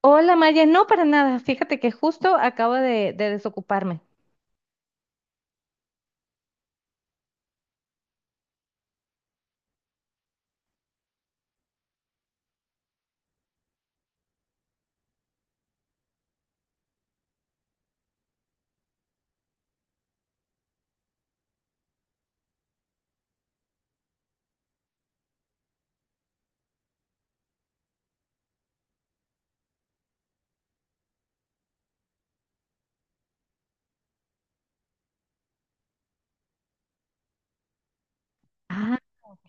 Hola Maya, no para nada. Fíjate que justo acabo de desocuparme. Ah, ok.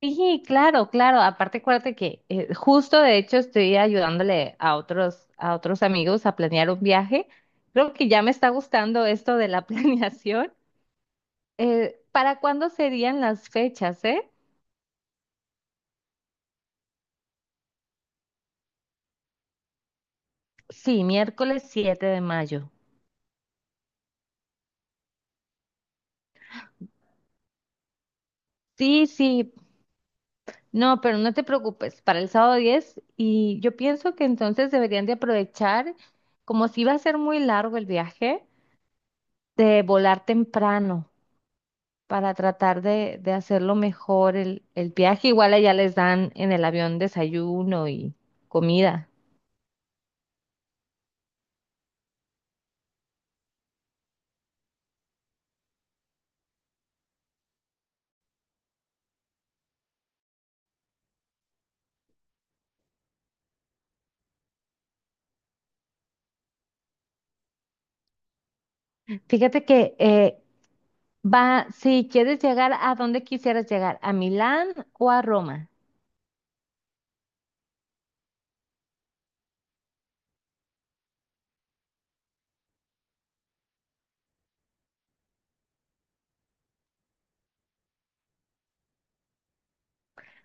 Sí, claro, claro. Aparte, acuérdate que justo de hecho estoy ayudándole a otros amigos a planear un viaje. Creo que ya me está gustando esto de la planeación. ¿Para cuándo serían las fechas, Sí, miércoles 7 de mayo. Sí, sí, no, pero no te preocupes, para el sábado 10, y yo pienso que entonces deberían de aprovechar, como si va a ser muy largo el viaje, de volar temprano para tratar de hacerlo mejor el viaje. Igual allá les dan en el avión desayuno y comida. Fíjate que va, si quieres llegar a donde quisieras llegar, a Milán o a Roma.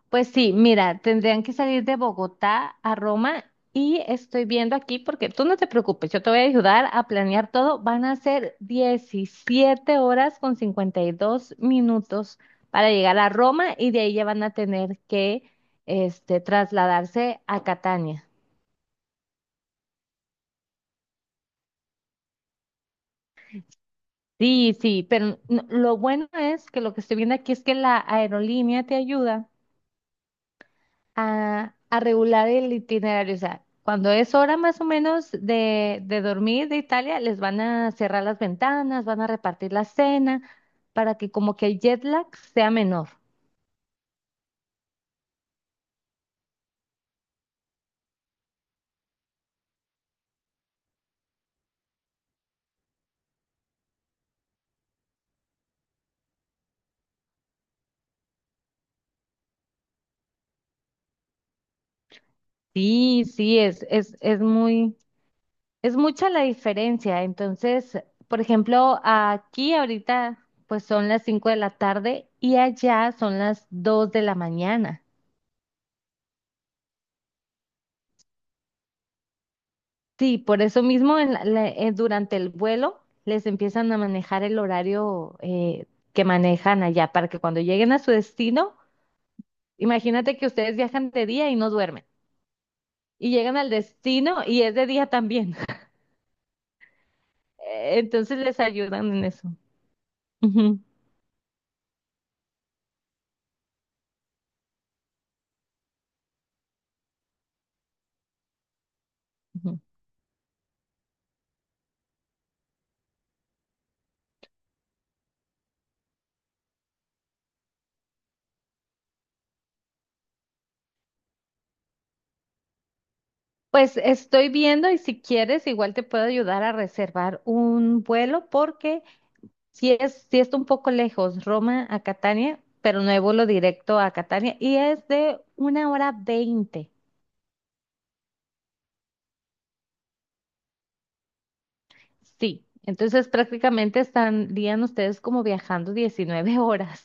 Pues sí, mira, tendrían que salir de Bogotá a Roma, y estoy viendo aquí porque tú no te preocupes, yo te voy a ayudar a planear todo. Van a ser 17 horas con 52 minutos para llegar a Roma, y de ahí ya van a tener que este, trasladarse a Catania. Sí, sí, pero lo bueno es que lo que estoy viendo aquí es que la aerolínea te ayuda a regular el itinerario. O sea, cuando es hora más o menos de dormir de Italia, les van a cerrar las ventanas, van a repartir la cena para que como que el jet lag sea menor. Sí, sí, es muy, es mucha la diferencia. Entonces, por ejemplo, aquí ahorita pues son las 5 de la tarde y allá son las 2 de la mañana. Sí, por eso mismo en durante el vuelo les empiezan a manejar el horario, que manejan allá para que cuando lleguen a su destino, imagínate que ustedes viajan de día y no duermen y llegan al destino y es de día también. Entonces les ayudan en eso. Ujú, ujú. Pues estoy viendo, y si quieres igual te puedo ayudar a reservar un vuelo porque sí es, sí está un poco lejos, Roma a Catania, pero no hay vuelo directo a Catania y es de 1 hora 20. Sí, entonces prácticamente estarían ustedes como viajando 19 horas.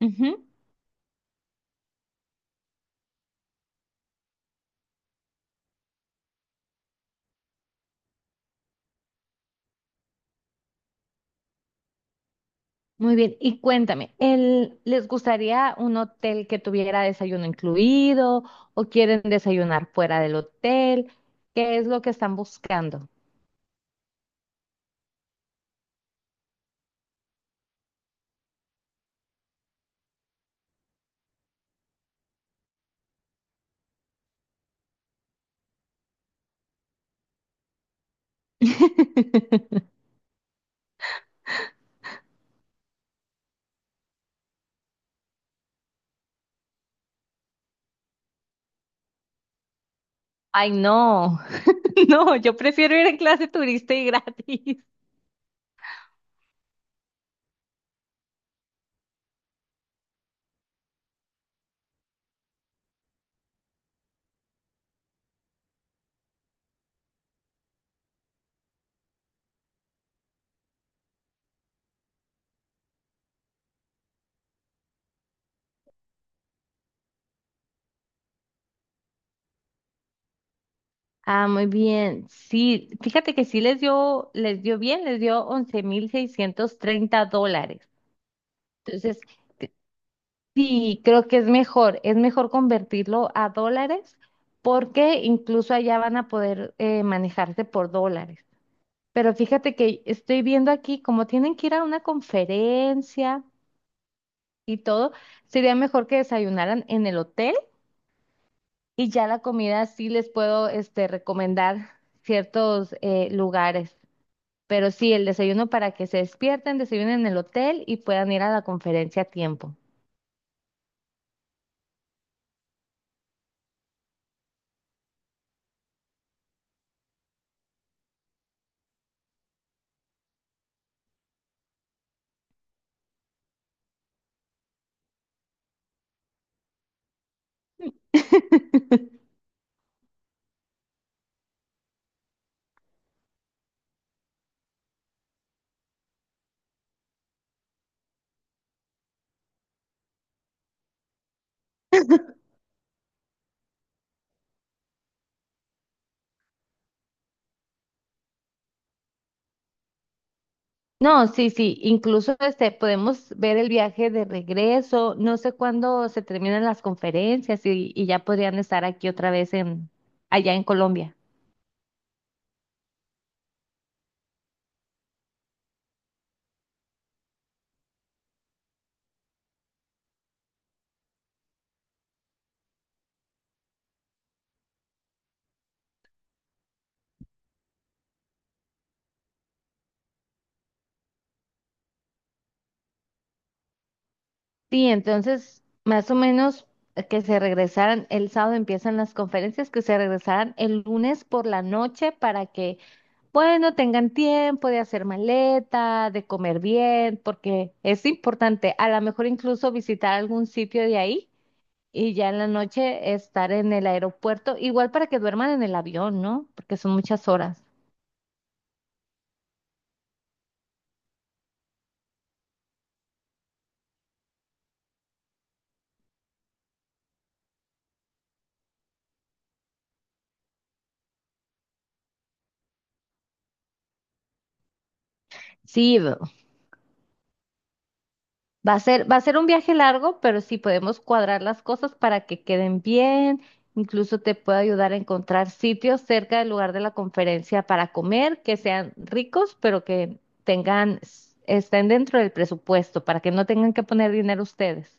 Ujú. Muy bien, y cuéntame, ¿les gustaría un hotel que tuviera desayuno incluido o quieren desayunar fuera del hotel? ¿Qué es lo que están buscando? Ay, no, no, yo prefiero ir en clase turista y gratis. Ah, muy bien. Sí, fíjate que sí les dio bien, les dio $11,630. Entonces, c- sí, creo que es mejor convertirlo a dólares porque incluso allá van a poder manejarse por dólares. Pero fíjate que estoy viendo aquí, como tienen que ir a una conferencia y todo, sería mejor que desayunaran en el hotel y ya la comida sí les puedo este, recomendar ciertos lugares. Pero sí, el desayuno para que se despierten, desayunen en el hotel y puedan ir a la conferencia a tiempo. No, sí, sí, incluso este, podemos ver el viaje de regreso, no sé cuándo se terminan las conferencias, y ya podrían estar aquí otra vez en, allá en Colombia. Sí, entonces, más o menos, que se regresaran, el sábado empiezan las conferencias, que se regresaran el lunes por la noche para que bueno, tengan tiempo de hacer maleta, de comer bien, porque es importante, a lo mejor incluso visitar algún sitio de ahí y ya en la noche estar en el aeropuerto, igual para que duerman en el avión, ¿no? Porque son muchas horas. Sí, va a ser, va a ser un viaje largo, pero sí podemos cuadrar las cosas para que queden bien. Incluso te puedo ayudar a encontrar sitios cerca del lugar de la conferencia para comer, que sean ricos, pero que tengan, estén dentro del presupuesto, para que no tengan que poner dinero ustedes.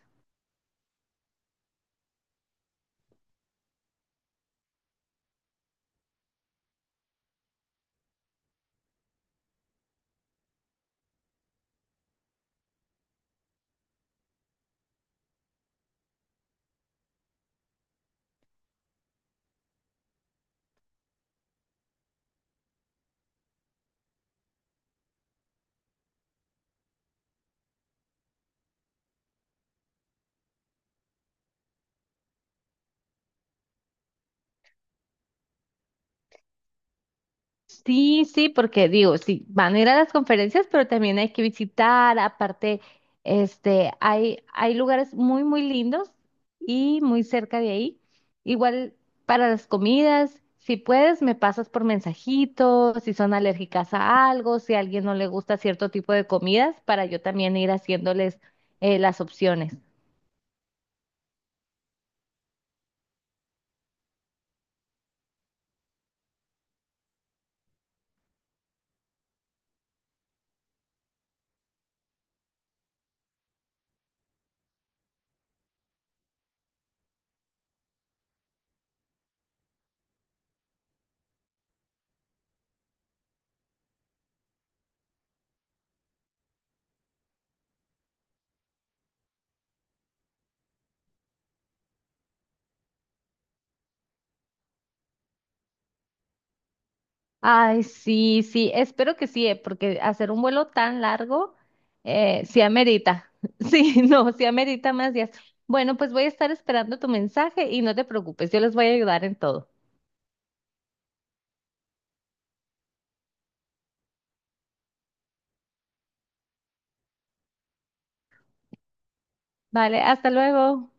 Sí, sí, porque digo, sí, van a ir a las conferencias, pero también hay que visitar, aparte, este, hay lugares muy, muy lindos y muy cerca de ahí. Igual para las comidas, si puedes, me pasas por mensajitos, si son alérgicas a algo, si a alguien no le gusta cierto tipo de comidas, para yo también ir haciéndoles las opciones. Ay, sí, sí, espero que sí, porque hacer un vuelo tan largo, sí amerita, sí, no, sí amerita más días. Bueno, pues voy a estar esperando tu mensaje y no te preocupes, yo les voy a ayudar en todo. Vale, hasta luego.